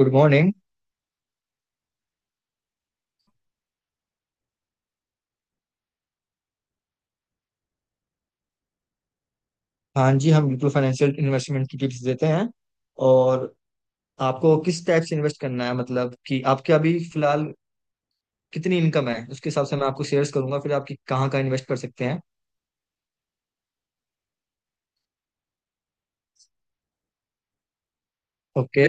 Good morning. हाँ जी, हम बिल्कुल फाइनेंशियल इन्वेस्टमेंट की टिप्स देते हैं। और आपको किस टाइप से इन्वेस्ट करना है, मतलब कि आपके अभी फिलहाल कितनी इनकम है उसके हिसाब से मैं आपको शेयर्स करूंगा फिर आपकी कहाँ कहाँ इन्वेस्ट कर सकते हैं। ओके।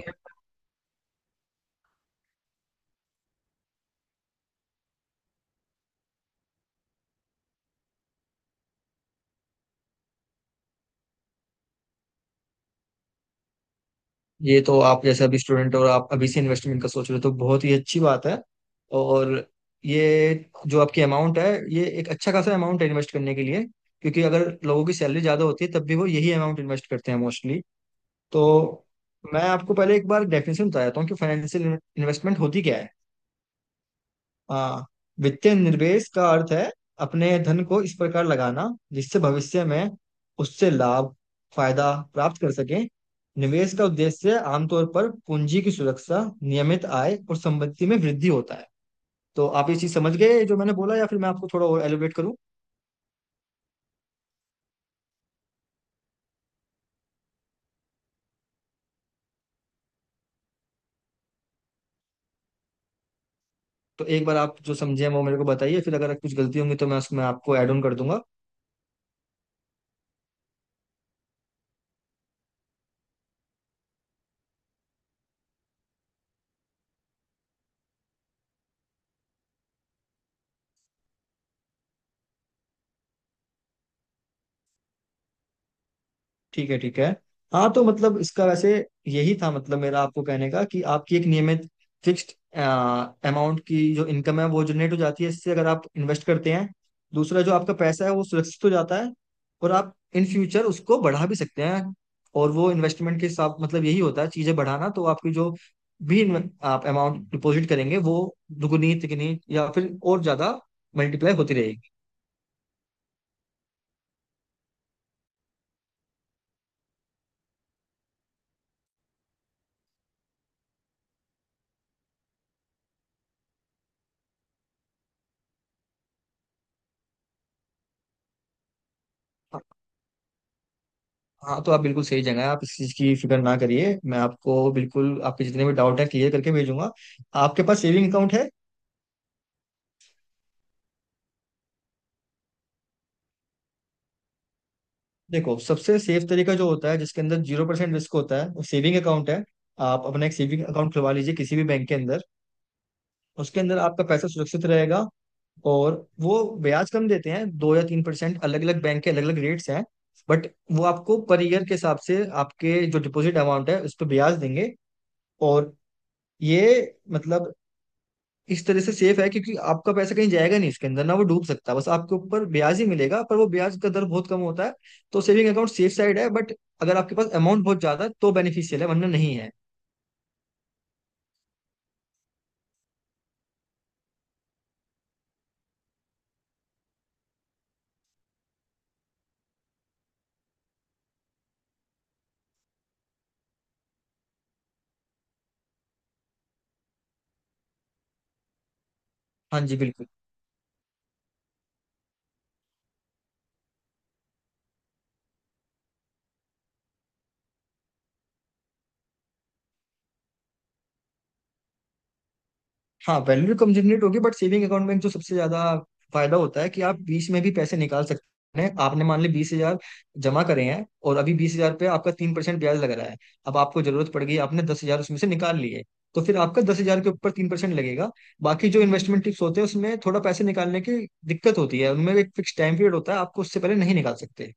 ये तो आप जैसे अभी स्टूडेंट और आप अभी से इन्वेस्टमेंट का सोच रहे हो तो बहुत ही अच्छी बात है। और ये जो आपकी अमाउंट है ये एक अच्छा खासा अमाउंट है इन्वेस्ट करने के लिए, क्योंकि अगर लोगों की सैलरी ज़्यादा होती है तब भी वो यही अमाउंट इन्वेस्ट करते हैं मोस्टली। तो मैं आपको पहले एक बार डेफिनेशन बता देता हूँ कि फाइनेंशियल इन्वेस्टमेंट होती क्या है। आ, वित्तीय निवेश का अर्थ है अपने धन को इस प्रकार लगाना जिससे भविष्य में उससे लाभ फायदा प्राप्त कर सकें। निवेश का उद्देश्य आमतौर पर पूंजी की सुरक्षा, नियमित आय और संपत्ति में वृद्धि होता है। तो आप ये चीज समझ गए जो मैंने बोला या फिर मैं आपको थोड़ा और एलिब्रेट करूँ। तो एक बार आप जो समझे हैं वो मेरे को बताइए फिर अगर कुछ गलती होंगी तो मैं उसमें आपको ऐड ऑन कर दूंगा। ठीक है ठीक है। हाँ, तो मतलब इसका वैसे यही था, मतलब मेरा आपको कहने का कि आपकी एक नियमित फिक्स्ड अमाउंट की जो इनकम है वो जनरेट हो जाती है इससे अगर आप इन्वेस्ट करते हैं। दूसरा, जो आपका पैसा है वो सुरक्षित हो जाता है। और आप इन फ्यूचर उसको बढ़ा भी सकते हैं। और वो इन्वेस्टमेंट के साथ मतलब यही होता है चीजें बढ़ाना, तो आपकी जो भी आप अमाउंट डिपॉजिट करेंगे वो दुगुनी तिगुनी या फिर और ज्यादा मल्टीप्लाई होती रहेगी। हाँ, तो आप बिल्कुल सही जगह है, आप इस चीज़ की फिक्र ना करिए, मैं आपको बिल्कुल आपके जितने भी डाउट है क्लियर करके भेजूंगा। आपके पास सेविंग अकाउंट है। देखो, सबसे सेफ तरीका जो होता है जिसके अंदर 0% रिस्क होता है वो सेविंग अकाउंट है। आप अपना एक सेविंग अकाउंट खुलवा लीजिए किसी भी बैंक के अंदर। उसके अंदर आपका पैसा सुरक्षित रहेगा। और वो ब्याज कम देते हैं, 2 या 3%, अलग अलग बैंक के अलग अलग रेट्स हैं। बट वो आपको पर ईयर के हिसाब से आपके जो डिपॉजिट अमाउंट है उस पर ब्याज देंगे। और ये मतलब इस तरह से सेफ है क्योंकि आपका पैसा कहीं जाएगा नहीं इसके अंदर, ना वो डूब सकता है, बस आपके ऊपर ब्याज ही मिलेगा, पर वो ब्याज का दर बहुत कम होता है। तो सेविंग अकाउंट सेफ साइड है, बट अगर आपके पास अमाउंट बहुत ज्यादा है तो बेनिफिशियल है वरना नहीं है। हाँ जी, बिल्कुल। हाँ, वैल्यू कम जनरेट होगी, बट सेविंग अकाउंट में जो सबसे ज्यादा फायदा होता है कि आप बीच में भी पैसे निकाल सकते हैं। आपने मान ली 20,000 जमा करे हैं और अभी 20,000 पे आपका 3% ब्याज लग रहा है। अब आपको जरूरत पड़ गई, आपने 10,000 उसमें से निकाल लिए, तो फिर आपका 10,000 के ऊपर 3% लगेगा। बाकी जो इन्वेस्टमेंट टिप्स होते हैं उसमें थोड़ा पैसे निकालने की दिक्कत होती है, उनमें एक फिक्स टाइम पीरियड होता है, आपको उससे पहले नहीं निकाल सकते।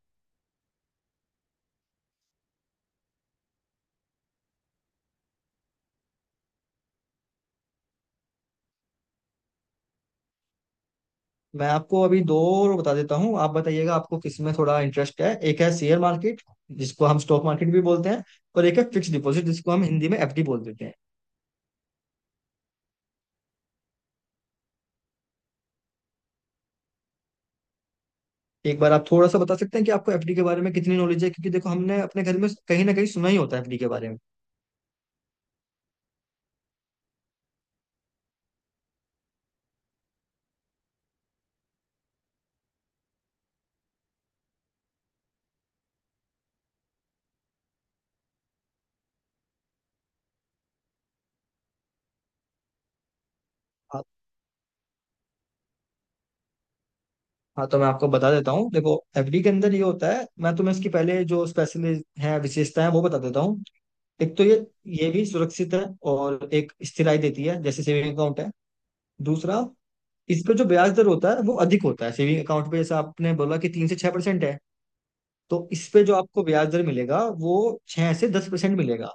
मैं आपको अभी दो और बता देता हूँ, आप बताइएगा आपको किस में थोड़ा इंटरेस्ट है। एक है शेयर मार्केट जिसको हम स्टॉक मार्केट भी बोलते हैं, और एक है फिक्स्ड डिपॉजिट जिसको हम हिंदी में एफडी बोल देते हैं। एक बार आप थोड़ा सा बता सकते हैं कि आपको एफडी के बारे में कितनी नॉलेज है, क्योंकि देखो हमने अपने घर में कहीं ना कहीं सुना ही होता है एफडी के बारे में। हाँ हाँ, तो मैं आपको बता देता हूँ। देखो, एफडी के अंदर ये होता है, मैं तुम्हें इसकी पहले जो स्पेशलिस्ट है विशेषता है वो बता देता हूँ। एक तो ये भी सुरक्षित है और एक स्थिराई देती है जैसे सेविंग अकाउंट है। दूसरा, इस पे जो ब्याज दर होता है वो अधिक होता है सेविंग अकाउंट पे। जैसे आपने बोला कि 3 से 6% है, तो इस पे जो आपको ब्याज दर मिलेगा वो 6 से 10% मिलेगा।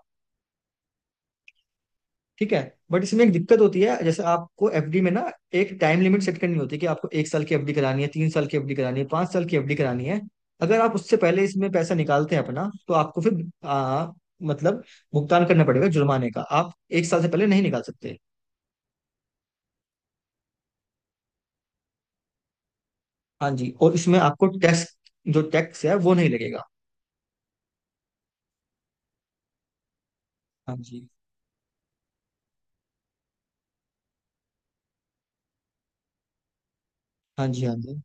ठीक है। बट इसमें एक दिक्कत होती है, जैसे आपको एफडी में ना एक टाइम लिमिट सेट करनी होती है कि आपको 1 साल की FD करानी है, 3 साल की FD करानी है, 5 साल की FD करानी है। अगर आप उससे पहले इसमें पैसा निकालते हैं अपना, तो आपको फिर मतलब भुगतान करना पड़ेगा जुर्माने का, आप 1 साल से पहले नहीं निकाल सकते। हाँ जी, और इसमें आपको टैक्स, जो टैक्स है वो नहीं लगेगा। हाँ जी हाँ जी हाँ जी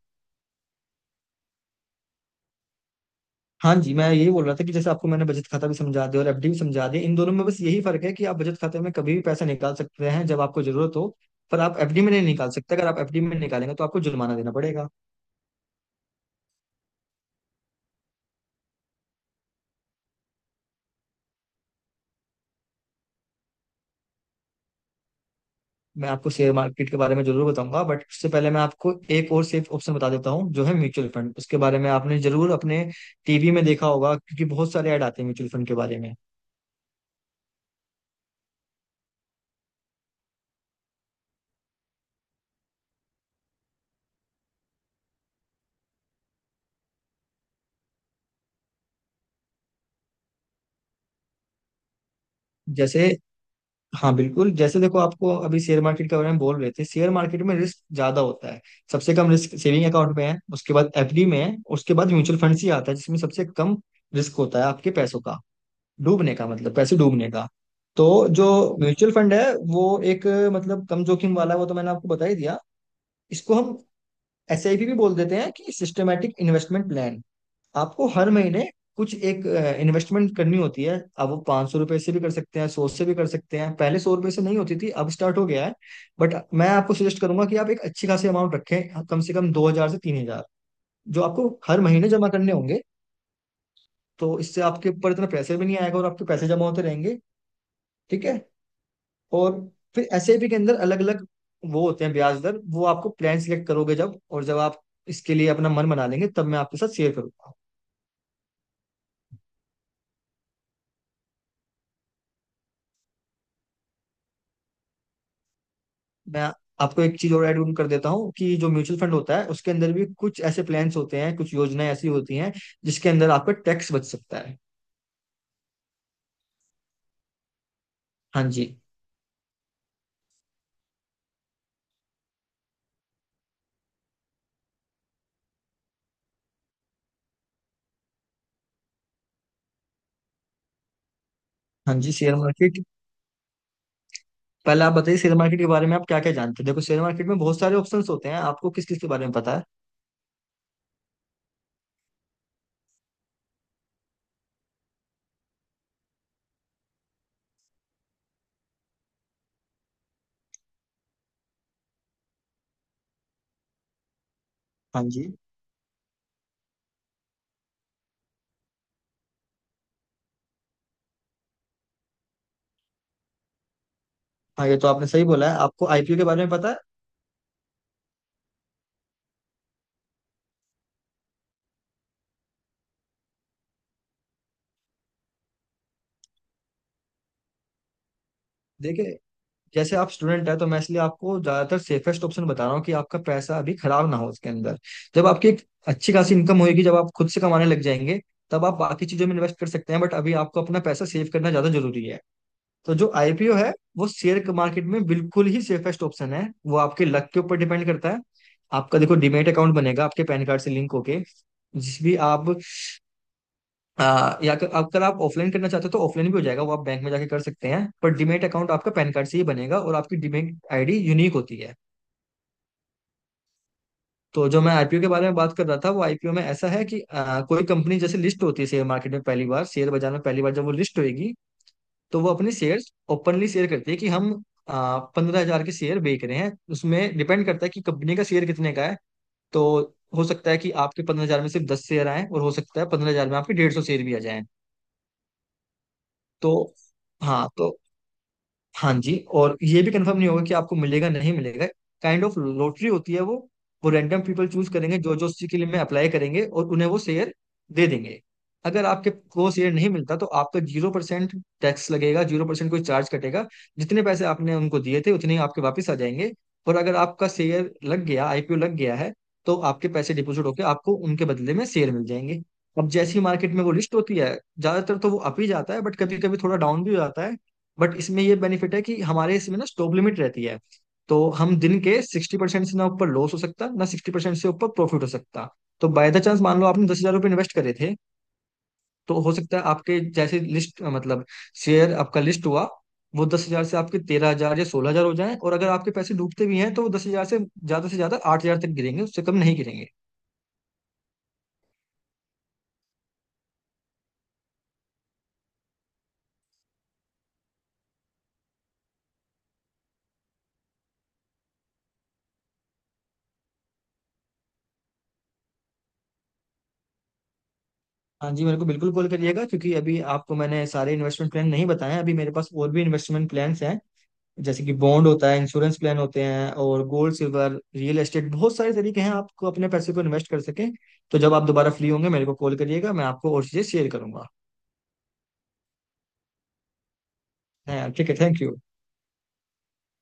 हाँ जी, मैं यही बोल रहा था कि जैसे आपको मैंने बचत खाता भी समझा दिया और एफडी भी समझा दिया, इन दोनों में बस यही फर्क है कि आप बचत खाते में कभी भी पैसा निकाल सकते हैं जब आपको जरूरत हो, पर आप एफडी में नहीं निकाल सकते। अगर आप एफडी में निकालेंगे तो आपको जुर्माना देना पड़ेगा। मैं आपको शेयर मार्केट के बारे में जरूर बताऊंगा बट उससे पहले मैं आपको एक और सेफ ऑप्शन बता देता हूँ जो है म्यूचुअल फंड। उसके बारे में आपने जरूर अपने टीवी में देखा होगा, क्योंकि बहुत सारे ऐड आते हैं म्यूचुअल फंड के बारे में। जैसे हाँ, बिल्कुल। जैसे देखो, आपको अभी शेयर मार्केट के बारे में बोल रहे थे, शेयर मार्केट में रिस्क ज्यादा होता है। सबसे कम रिस्क सेविंग अकाउंट में है, उसके बाद एफडी में है, उसके बाद म्यूचुअल फंड ही आता है जिसमें सबसे कम रिस्क होता है आपके पैसों का डूबने का, मतलब पैसे डूबने का। तो जो म्यूचुअल फंड है वो एक, मतलब कम जोखिम वाला है, वो तो मैंने आपको बता ही दिया। इसको हम एसआईपी भी बोल देते हैं कि सिस्टमेटिक इन्वेस्टमेंट प्लान। आपको हर महीने कुछ एक इन्वेस्टमेंट करनी होती है। अब वो ₹500 से भी कर सकते हैं, 100 से भी कर सकते हैं। पहले ₹100 से नहीं होती थी, अब स्टार्ट हो गया है। बट मैं आपको सजेस्ट करूंगा कि आप एक अच्छी खासी अमाउंट रखें, कम से कम 2,000 से 3,000 जो आपको हर महीने जमा करने होंगे। तो इससे आपके ऊपर इतना प्रेशर भी नहीं आएगा और आपके पैसे जमा होते रहेंगे। ठीक है। और फिर एसआईपी के अंदर अलग अलग वो होते हैं ब्याज दर, वो आपको प्लान सिलेक्ट करोगे जब और जब आप इसके लिए अपना मन बना लेंगे तब मैं आपके साथ शेयर करूंगा। मैं आपको एक चीज और ऐड ऑन कर देता हूँ कि जो म्यूचुअल फंड होता है उसके अंदर भी कुछ ऐसे प्लान्स होते हैं, कुछ योजनाएं ऐसी होती हैं जिसके अंदर आपका टैक्स बच सकता है। हाँ जी। हाँ जी, शेयर मार्केट। पहले आप बताइए शेयर मार्केट के बारे में आप क्या क्या जानते हैं, देखो शेयर मार्केट में बहुत सारे ऑप्शंस होते हैं, आपको किस किस के बारे में पता है। हाँ जी। हाँ, ये तो आपने सही बोला है, आपको आईपीओ के बारे में पता है। देखिए, जैसे आप स्टूडेंट है तो मैं इसलिए आपको ज्यादातर सेफेस्ट ऑप्शन बता रहा हूँ कि आपका पैसा अभी खराब ना हो उसके अंदर। जब आपकी एक अच्छी खासी इनकम होगी, जब आप खुद से कमाने लग जाएंगे, तब आप बाकी चीजों में इन्वेस्ट कर सकते हैं, बट अभी आपको अपना पैसा सेव करना ज्यादा जरूरी है। तो जो आईपीओ है वो शेयर मार्केट में बिल्कुल ही सेफेस्ट ऑप्शन है, वो आपके लक के ऊपर डिपेंड करता है। आपका देखो डीमेट अकाउंट बनेगा आपके पैन कार्ड से लिंक होके, जिस भी आप। हाँ, या अगर अगर आप ऑफलाइन करना चाहते हो तो ऑफलाइन भी हो जाएगा, वो आप बैंक में जाके कर सकते हैं। पर डीमैट अकाउंट आपका पैन कार्ड से ही बनेगा, और आपकी डीमैट आईडी यूनिक होती है। तो जो मैं आईपीओ के बारे में बात कर रहा था, वो आईपीओ में ऐसा है कि कोई कंपनी जैसे लिस्ट होती है शेयर मार्केट में पहली बार, शेयर बाजार में पहली बार जब वो लिस्ट होगी तो वो अपने शेयर ओपनली शेयर करती है कि हम 15,000 के शेयर बेच रहे हैं, उसमें डिपेंड करता है कि कंपनी का शेयर कितने का है। तो हो सकता है कि आपके 15,000 में सिर्फ 10 शेयर आए, और हो सकता है 15,000 में आपके 150 शेयर भी आ जाए। तो। हाँ, तो हाँ जी, और ये भी कंफर्म नहीं होगा कि आपको मिलेगा नहीं मिलेगा, काइंड ऑफ लॉटरी होती है वो रैंडम पीपल चूज करेंगे जो जो उसी के लिए में अप्लाई करेंगे, और उन्हें वो शेयर दे देंगे। अगर आपके को शेयर नहीं मिलता तो आपका 0% टैक्स लगेगा, 0% कोई चार्ज कटेगा, जितने पैसे आपने उनको दिए थे उतने ही आपके वापस आ जाएंगे। और अगर आपका शेयर लग गया, आईपीओ लग गया है, तो आपके पैसे डिपोजिट होकर आपको उनके बदले में शेयर मिल जाएंगे। अब जैसी मार्केट में वो लिस्ट होती है, ज्यादातर तो वो अप ही जाता है बट कभी कभी थोड़ा डाउन भी हो जाता है। बट इसमें ये बेनिफिट है कि हमारे इसमें ना स्टॉप लिमिट रहती है, तो हम दिन के 60% से ना ऊपर लॉस हो सकता ना 60% से ऊपर प्रॉफिट हो सकता। तो बाय द चांस मान लो आपने ₹10,000 इन्वेस्ट करे थे, तो हो सकता है आपके जैसे लिस्ट, मतलब शेयर आपका लिस्ट हुआ, वो 10,000 से आपके 13,000 या 16,000 हो जाए, और अगर आपके पैसे डूबते भी हैं तो वो दस हजार से ज्यादा 8,000 तक गिरेंगे, उससे कम नहीं गिरेंगे। हाँ जी, मेरे को बिल्कुल कॉल करिएगा क्योंकि अभी आपको मैंने सारे इन्वेस्टमेंट प्लान नहीं बताए, अभी मेरे पास और भी इन्वेस्टमेंट प्लान्स हैं। जैसे कि बॉन्ड होता है, इंश्योरेंस प्लान होते हैं, और गोल्ड सिल्वर रियल एस्टेट, बहुत सारे तरीके हैं आपको अपने पैसे को इन्वेस्ट कर सकें। तो जब आप दोबारा फ्री होंगे मेरे को कॉल करिएगा, मैं आपको और चीजें शेयर करूंगा। हैं, ठीक है, थैंक यू।